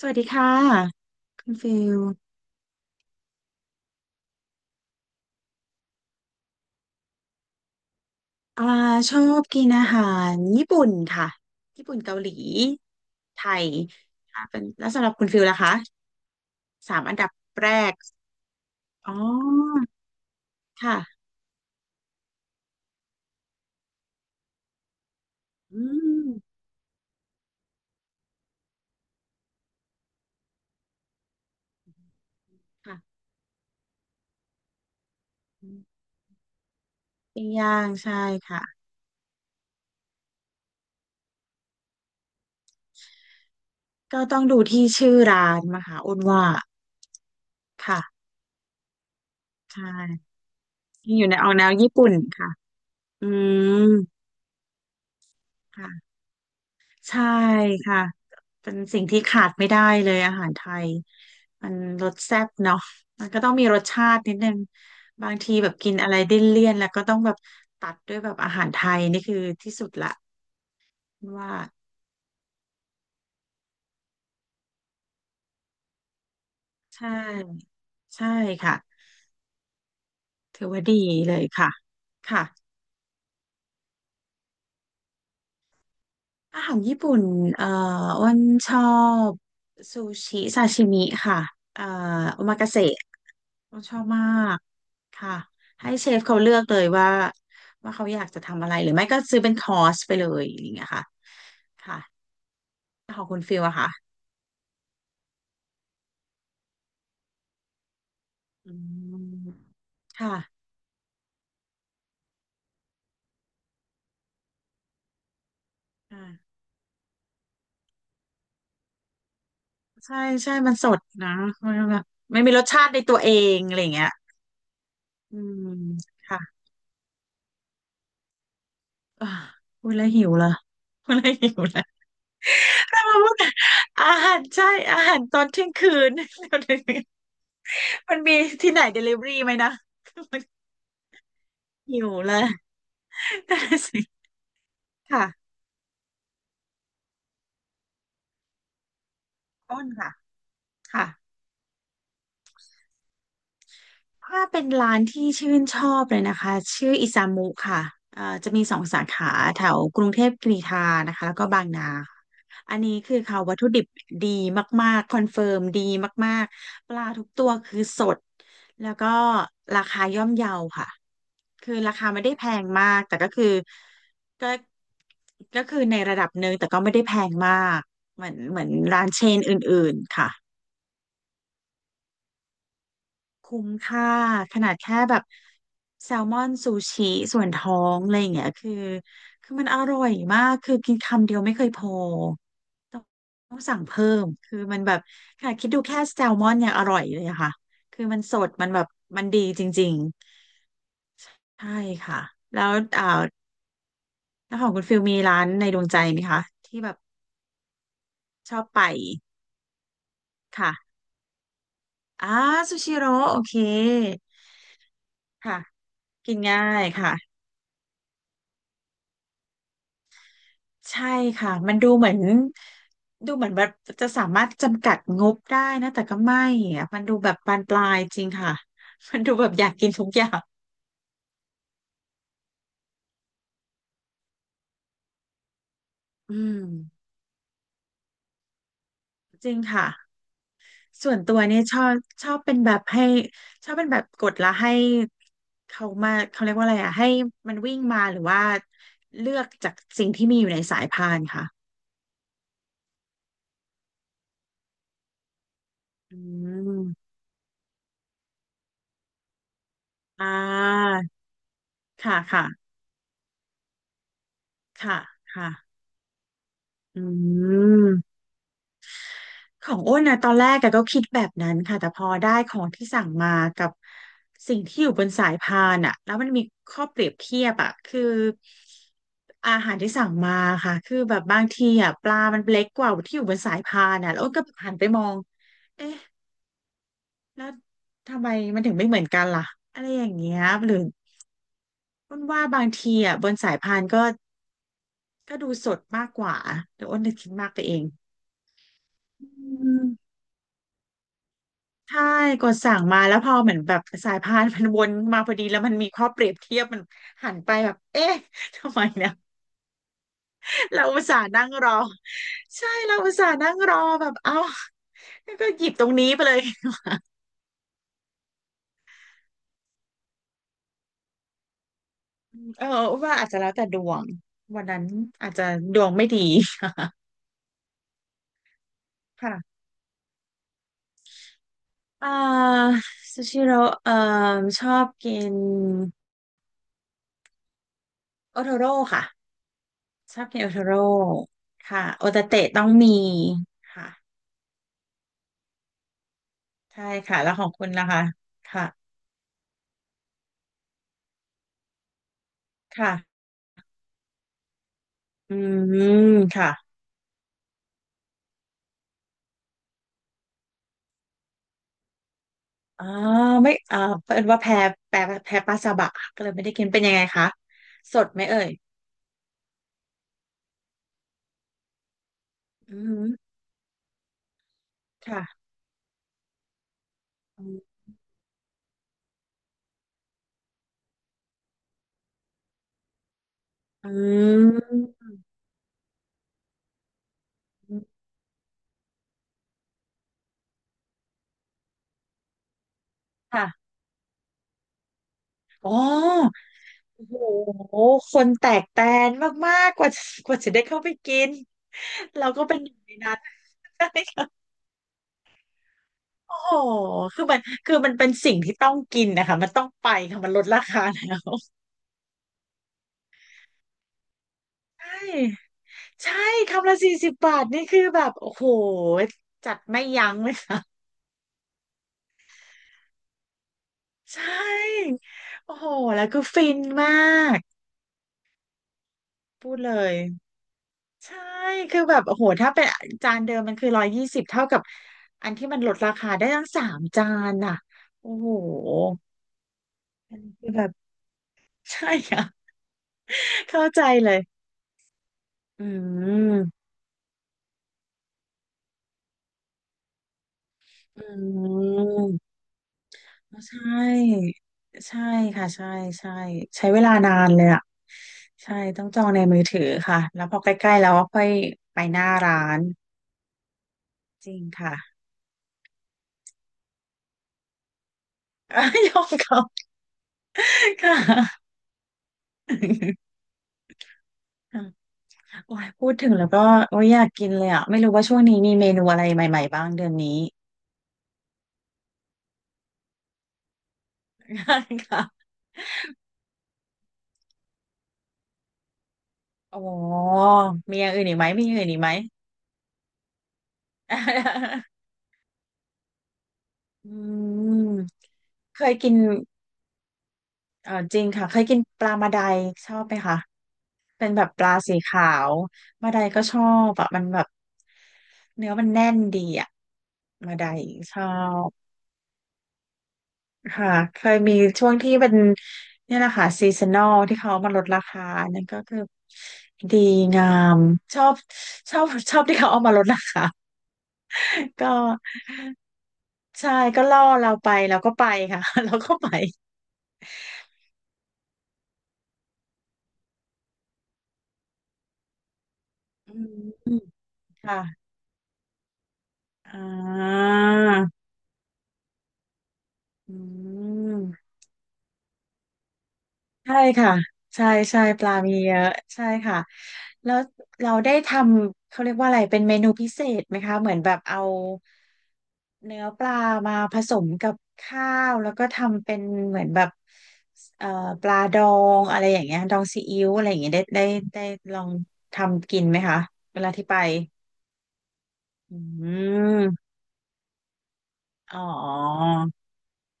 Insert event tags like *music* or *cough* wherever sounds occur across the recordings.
สวัสดีค่ะคุณฟิลอ่าชอบกินอาหารญี่ปุ่นค่ะญี่ปุ่นเกาหลีไทยค่ะเป็นแล้วสำหรับคุณฟิลล่ะคะสามอันดับแรกอ๋อค่ะอืมค่ะอืมปิ้งย่างใช่ค่ะก็ต้องดูที่ชื่อร้านมาค่ะอ้นว่าค่ะใช่อยู่ในออกแนวญี่ปุ่นค่ะอืมค่ะ ใช่ค่ะเป็นสิ่งที่ขาดไม่ได้เลยอาหารไทยมันรสแซ่บเนาะมันก็ต้องมีรสชาตินิดนึงบางทีแบบกินอะไรดิ้นเลี่ยนแล้วก็ต้องแบบตัดด้วยแบบอาหารไทยนี่คือที่สุดละว่าใช่ใช่ค่ะถือว่าดีเลยค่ะค่ะอาหารญี่ปุ่นเอ่ออ้วนชอบซูชิซาชิมิค่ะเอ่อโอมากาเสะ ก็ชอบมากค่ะให้เชฟเขาเลือกเลยว่าเขาอยากจะทำอะไรหรือไม่ก็ซื้อเป็นคอร์สไปเลยอย่างเงี้ยค่ะค่ะแล้วของคุณฟิลอะค่ะอืมค่ะอ่าใช่ใช่มันสดนะมันแบบไม่มีรสชาติในตัวเองอะไรอย่างเงี้ยอืมค่ะอ่าพูดแล้วหิวเลยพูดแล้วหิวเลยแต่มาพูดแต่อาหารใช่อาหารตอนเที่ยงคืน *laughs* เดี๋ยวนี้มันมีที่ไหนเดลิเวอรี่ไหมนะหิวเลย *laughs* ค่ะอ้นค่ะค่ะถ้าเป็นร้านที่ชื่นชอบเลยนะคะชื่ออิซามุค่ะจะมีสองสาขาแถวกรุงเทพกรีฑานะคะแล้วก็บางนาค่ะอันนี้คือเขาวัตถุดิบดีมากๆคอนเฟิร์มดีมากๆปลาทุกตัวคือสดแล้วก็ราคาย่อมเยาค่ะคือราคาไม่ได้แพงมากแต่ก็คือก็ก็คือในระดับหนึ่งแต่ก็ไม่ได้แพงมากเหมือนร้านเชนอื่นๆค่ะ คุ้มค่าขนาดแค่แบบแซลมอนซูชิส่วนท้องอะไรอย่างเงี้ยคือมันอร่อยมากคือกินคำเดียวไม่เคยพอต้องต้องสั่งเพิ่มคือมันแบบขนาดคิดดูแค่แซลมอนยังอร่อยเลยอะค่ะคือมันสดมันแบบมันดีจริงๆใช่ค่ะแล้วอ่าแล้วของคุณฟิลมีร้านในดวงใจไหมคะที่แบบชอบไปค่ะอ่าซูชิโร่โอเคค่ะกินง่ายค่ะ ใช่ค่ะมันดูเหมือนแบบจะสามารถจำกัดงบได้นะแต่ก็ไม่อะมันดูแบบบานปลายจริงค่ะ *laughs* มันดูแบบอยากกินทุกอย่างอืมจริงค่ะส่วนตัวเนี่ยชอบเป็นแบบให้ชอบเป็นแบบกดแล้วให้เขามาเขาเรียกว่าอะไรอ่ะให้มันวิ่งมาหรือว่าเลือกจากสิ่งที่มีอยู่ในสายพานค่ะอืมอ่าค่ะค่ะค่ะค่ะอืม ของอ้นนะตอนแรกอะก็คิดแบบนั้นค่ะแต่พอได้ของที่สั่งมากับสิ่งที่อยู่บนสายพานอะแล้วมันมีข้อเปรียบเทียบอะคืออาหารที่สั่งมาค่ะคือแบบบางทีอะปลามันเล็กกว่าที่อยู่บนสายพานอะแล้วอ้นก็หันไปมองเอ๊ะแล้วทำไมมันถึงไม่เหมือนกันล่ะอะไรอย่างเงี้ยหรืออ้นว่าบางทีอะบนสายพานก็ดูสดมากกว่าเดี๋ยวอ้นจะคิดมากไปเองอืม ใช่กดสั่งมาแล้วพอเหมือนแบบสายพานมันวนมาพอดีแล้วมันมีข้อเปรียบเทียบมันหันไปแบบเอ๊ะทำไมเนี่ย *laughs* เราอุตส่าห์นั่งรอใช่เราอุตส่าห์นั่งรอแบบเอ้าแล้วก็หยิบตรงนี้ไปเลยเออว่าอาจจะแล้วแต่ดวงวันนั้นอาจจะดวงไม่ดี *laughs* ค่ะ *laughs* เอ่อซูชิโร่เอ่อชอบกินโอโทโร่ค่ะชอบกินโอโทโร่ค่ะโอตาเตะต้องมีค่ะ ใช่ค่ะแล้วของคุณล่ะคะค่ะค่ะอืมค่ะอ๋อไม่เพิ่นว่าแพ้แพ้ปลาซาบะค่ะก็เลยไม่ได้กินเป็นยังไงคะสดไหมเอ่ยอืมค่ะอืมค่ะอ๋อโอ้โหคนแตกแตนมากๆกว่าจะได้เข้าไปกินเราก็เป็นหนึ่งในนั้น *laughs* โอ้โหคือมันเป็นสิ่งที่ต้องกินนะคะมันต้องไปค่ะมันลดราคาแล้วใช่ ใช่คำละ40 บาทนี่คือแบบโอ้โหจัดไม่ยั้งเลยค่ะ *laughs* ใช่โอ้โหแล้วคือฟินมากพูดเลยใช่คือแบบโอ้โหถ้าเป็นจานเดิมมันคือ120เท่ากับอันที่มันลดราคาได้ตั้งสามจานน่ะโอ้โหอันนี้คือแบบ *laughs* ใช่ค่ะเข้าใจเลยอืมอืม ใช่ใช่ค่ะใช่ใช่ใช้เวลานานเลยอ่ะใช่ต้องจองในมือถือค่ะแล้วพอใกล้ๆแล้วก็ค่อยไปหน้าร้านจริงค่ะ *laughs* ยอมเขาค่ะ *laughs* ค่ะโอ้ยพูดถึงแล้วก็โอ้ยอยากกินเลยอ่ะไม่รู้ว่าช่วงนี้มีเมนูอะไรใหม่ๆบ้างเดือนนี้ *laughs* ค่ะอ๋อมีอย่างอื่นอีกไหมมีอย่างอื่นอีกไหม *laughs* อืมเคยกินเออจริงค่ะเคยกินปลามาไดชอบไหมคะ เป็นแบบปลาสีขาวมาไดก็ชอบอะมันแบบเนื้อมันแน่นดีอะมาไดชอบค่ะเคยมีช่วงที่เป็นเนี่ยแหละค่ะซีซันนอลที่เขามาลดราคานั่นก็คือดีงามชอบชอบชอบที่เขาเอามาลดราคา *laughs* ก็ใช่ก็ล่อเราไปเราก็ไปค่ะ *laughs* เราก็ไปอืมค่ะอ่าอืม ใช่ค่ะใช่ใช่ปลามีเยอะใช่ค่ะแล้วเราได้ทำเขาเรียกว่าอะไรเป็นเมนูพิเศษไหมคะเหมือนแบบเอาเนื้อปลามาผสมกับข้าวแล้วก็ทำเป็นเหมือนแบบเอ่อปลาดองอะไรอย่างเงี้ยดองซีอิ๊วอะไรอย่างเงี้ยได้ลองทำกินไหมคะเวลาที่ไปอืมอ๋อ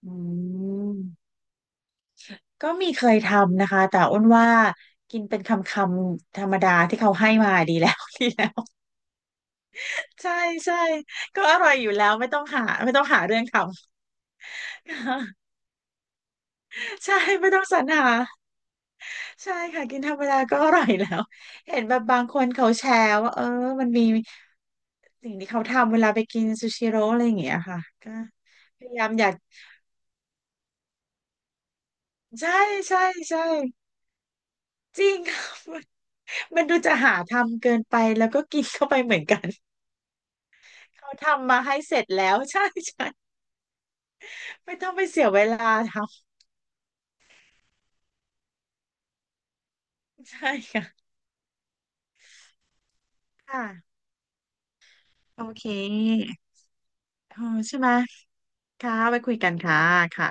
อืม ก็มีเคยทำนะคะแต่อ้วนว่ากินเป็นคำคำธรรมดาที่เขาให้มาดีแล้ว *laughs* ดีแล้วใช่ใช่ก็อร่อยอยู่แล้วไม่ต้องหาไม่ต้องหาเรื่องทำ *laughs* ใช่ไม่ต้องสรรหาใช่ค่ะกินธรรมดาก็อร่อยแล้วเห็นแบบบางคนเขาแชร์ว่าเออมันมีสิ่งที่เขาทำเวลาไปกินซูชิโร่อะไรอย่างเงี้ยค่ะก็พยายามอยากใช่ใช่ใช่จริง *laughs* ค่ะมันมันดูจะหาทำเกินไปแล้วก็กินเข้าไปเหมือนกัน เขาทำมาให้เสร็จแล้ว *laughs* ใช่ใช่ไม่ต้องไปเสียเวลาทำ *laughs* ใช่ค่ะค่ะโอเคโอ้ใช่ไหมค่ะไว้คุยกันค่ะค่ะ